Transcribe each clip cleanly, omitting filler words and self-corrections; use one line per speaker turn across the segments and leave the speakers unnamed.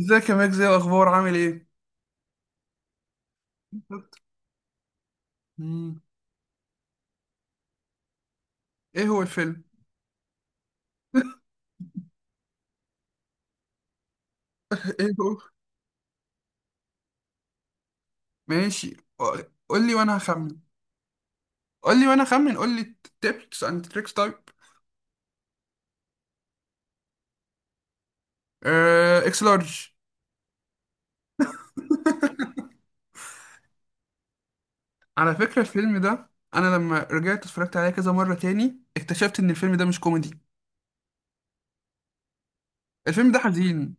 ازيك يا مجزي؟ الاخبار عامل ايه؟ مم. ايه هو الفيلم؟ ايه هو؟ ماشي. قول لي وانا هخمن. قول لي وانا هخمن قول لي. تيبس اند تريكس تايب. اكس لارج. على فكرة الفيلم ده، انا لما رجعت اتفرجت عليه كذا مرة تاني اكتشفت ان الفيلم ده مش كوميدي. الفيلم ده حزين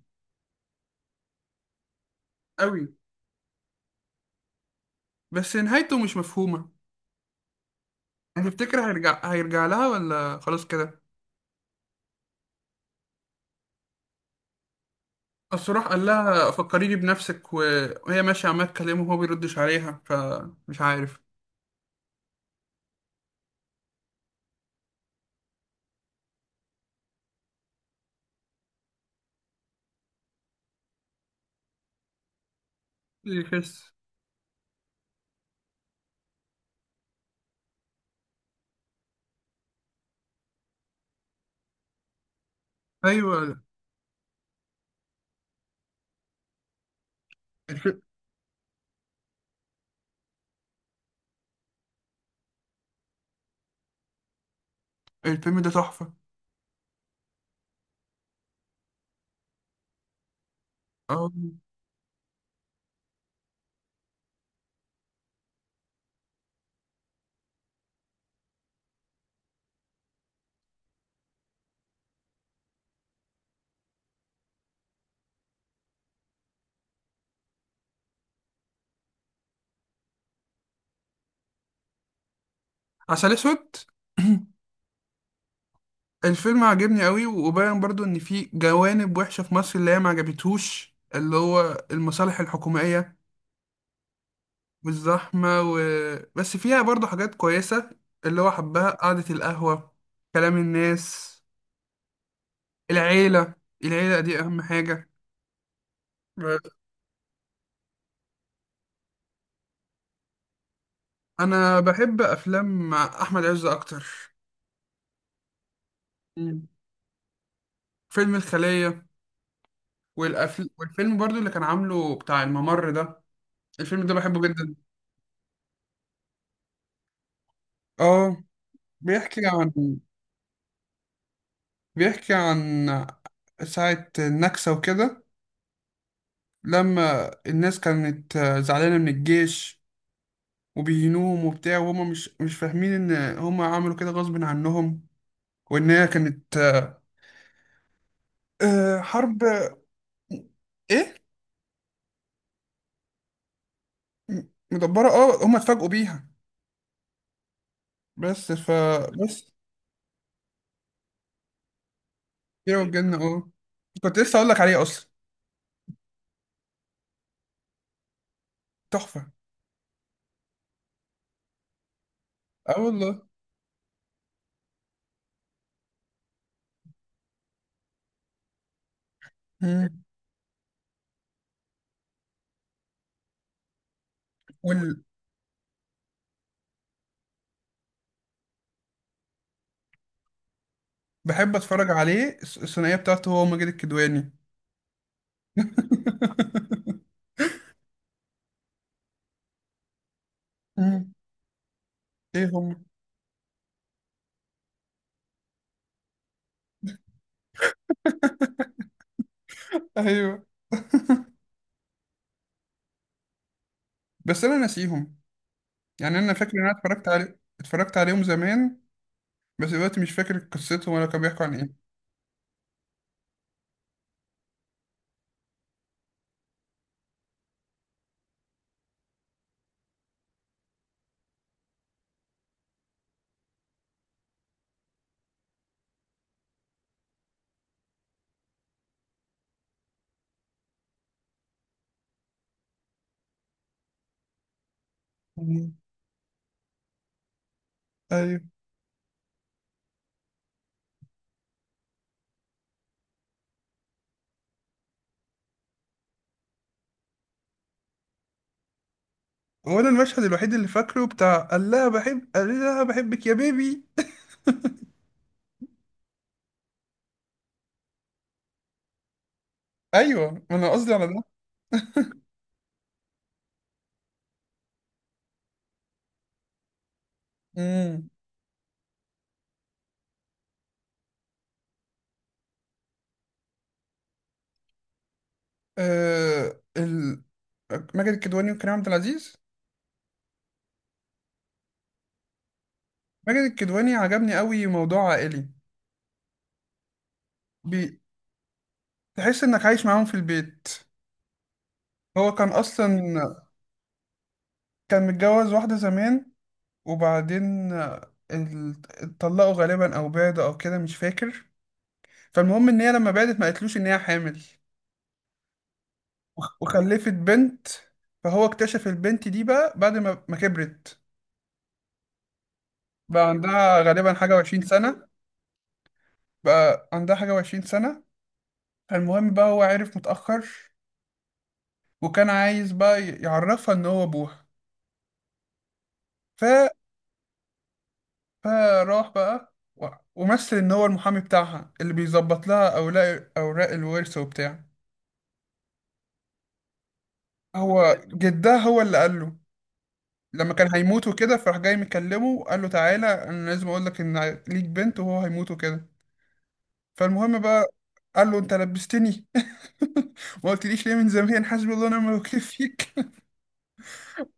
قوي. بس نهايته مش مفهومة. هتفتكر هيرجع لها ولا خلاص كده؟ بس راح قال لها فكريني بنفسك وهي ماشية عمالة تكلمه وهو بيردش عليها، فمش عارف. يخس. أيوة. الف- الفيلم ده تحفة. اه، عسل أسود. الفيلم عجبني قوي، وباين برضو إن في جوانب وحشة في مصر اللي هي ما عجبتهوش، اللي هو المصالح الحكومية والزحمة و... بس فيها برضو حاجات كويسة. اللي هو حبها، قعدة القهوة، كلام الناس، العيلة. العيلة دي أهم حاجة. انا بحب افلام احمد عز اكتر. مم. فيلم الخلية. والفيلم برضو اللي كان عامله بتاع الممر ده. الفيلم ده بحبه جدا. اه. بيحكي عن بيحكي عن ساعة النكسة وكده. لما الناس كانت زعلانة من الجيش، وبيهنوهم وبتاع، وهما مش فاهمين ان هما عملوا كده غصب عنهم، وان هي كانت حرب. ايه. مدبرة، اه هما اتفاجئوا بيها. بس ف بس كيرة والجن، اه كنت لسه اقول لك عليه اصلا. تحفه. اه والله. مم. وال... بحب اتفرج عليه، الثنائيه بتاعته هو ماجد الكدواني. مم. ايه هم؟ ايوه، بس انا ناسيهم. يعني انا فاكر ان انا اتفرجت عليهم زمان. بس دلوقتي مش فاكر قصتهم ولا كانوا بيحكوا عن ايه. مم. ايوه. هو انا المشهد الوحيد اللي فاكره بتاع قال لها بحبك يا بيبي. ايوه، انا قصدي على ده. مم. آه ال... ماجد الكدواني وكريم عبد العزيز. ماجد الكدواني عجبني قوي، موضوع عائلي. بي... تحس انك عايش معاهم في البيت. هو كان اصلا كان متجوز واحدة زمان، وبعدين اتطلقوا غالبا او بعدوا او كده مش فاكر. فالمهم ان هي لما بعدت ما قالتلوش ان هي حامل، وخلفت بنت. فهو اكتشف البنت دي بقى بعد ما كبرت. بقى عندها غالبا حاجة وعشرين سنة. بقى عندها حاجة وعشرين سنة. فالمهم بقى، هو عرف متأخر، وكان عايز بقى يعرفها إن هو أبوها. ف... فراح بقى ومثل إن هو المحامي بتاعها اللي بيظبط لها أوراق الورث وبتاع. هو جدها هو اللي قال له، لما كان هيموت وكده، فراح جاي مكلمه وقال له تعالى أنا لازم أقول لك إن ليك بنت، وهو هيموت وكده. فالمهم بقى قال له أنت لبستني، ما قلتليش ليه من زمان، حسبي الله ونعم الوكيل فيك.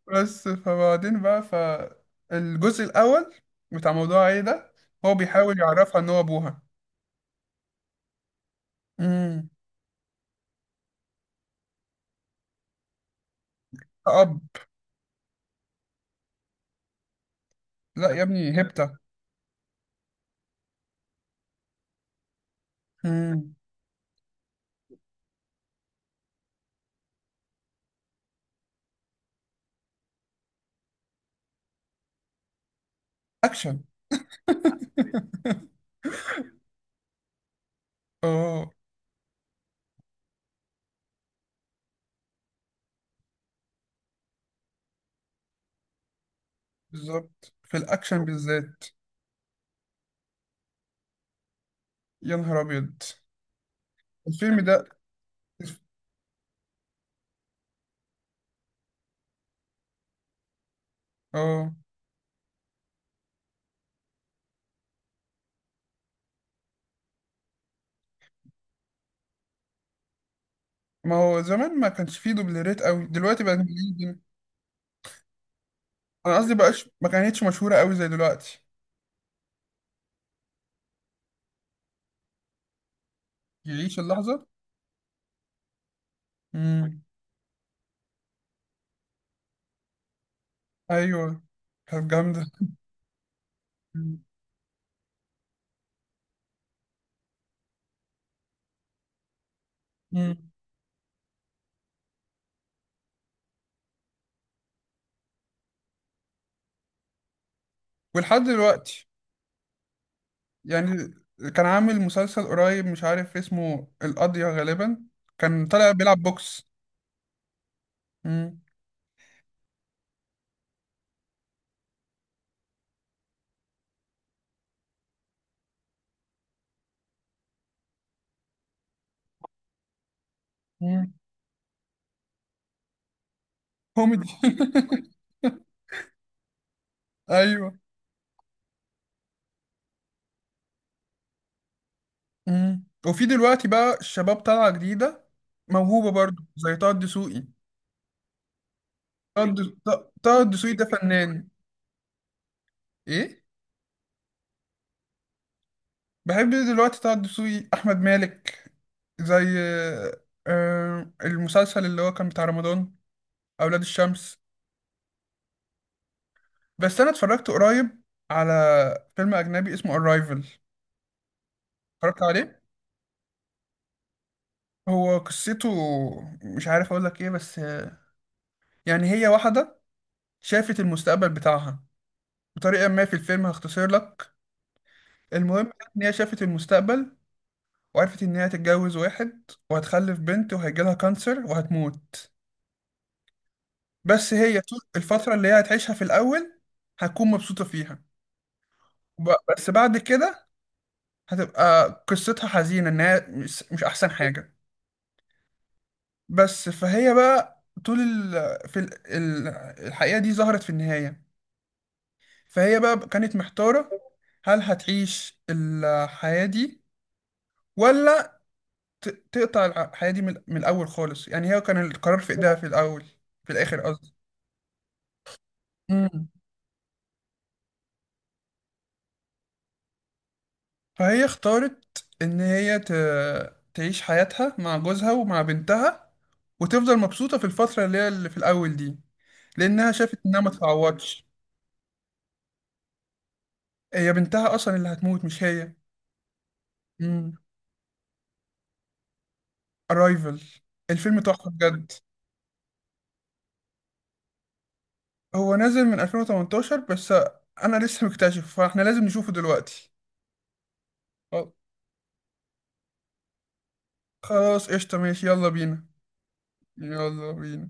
بس فبعدين بقى، فالجزء الأول بتاع موضوع ايه ده، هو بيحاول يعرفها إن هو أبوها. امم. أب. لا يا ابني، هبتة. امم. أكشن. اه بالظبط، في الأكشن بالذات. يا نهار أبيض، الفيلم ده. اه. ما هو زمان ما كانش فيه دوبليرات قوي، دلوقتي بقى أنا قصدي بقاش ما كانتش مشهورة قوي زي دلوقتي. يعيش اللحظة. امم. أيوه. كانت جامدة. مم. مم. ولحد دلوقتي. يعني كان عامل مسلسل قريب مش عارف اسمه، القضية غالبا، كان طالع بيلعب بوكس. مم. مم. كوميدي. ايوه. مم. وفي دلوقتي بقى الشباب طالعة جديدة موهوبة برضو زي طه الدسوقي. طه الدسوقي ده فنان. ايه. بحب دلوقتي طه الدسوقي، احمد مالك، زي المسلسل اللي هو كان بتاع رمضان، أولاد الشمس. بس أنا اتفرجت قريب على فيلم أجنبي اسمه Arrival. اتفرجت عليه. هو قصته مش عارف اقول لك ايه، بس يعني هي واحدة شافت المستقبل بتاعها بطريقة ما في الفيلم، هختصر لك. المهم ان هي شافت المستقبل، وعرفت ان هي هتتجوز واحد، وهتخلف بنت، وهيجيلها كانسر وهتموت. بس هي طول الفترة اللي هي هتعيشها في الاول هتكون مبسوطة فيها. بس بعد كده هتبقى قصتها حزينة، انها مش احسن حاجة. بس فهي بقى طول في الحقيقة دي ظهرت في النهاية. فهي بقى كانت محتارة، هل هتعيش الحياة دي، ولا تقطع الحياة دي من الأول خالص. يعني هي كان القرار في إيدها في الأول، في الآخر قصدي. مم. فهي اختارت إن هي تعيش حياتها مع جوزها ومع بنتها، وتفضل مبسوطة في الفترة اللي هي في الأول دي، لأنها شافت إنها ما تتعوضش. هي بنتها أصلا اللي هتموت، مش هي. مم. Arrival. الفيلم تحفة بجد. هو نازل من 2018 بس. انا لسه مكتشف، فاحنا لازم نشوفه دلوقتي. خلاص قشطة، ماشي، يلا بينا. يلا بينا.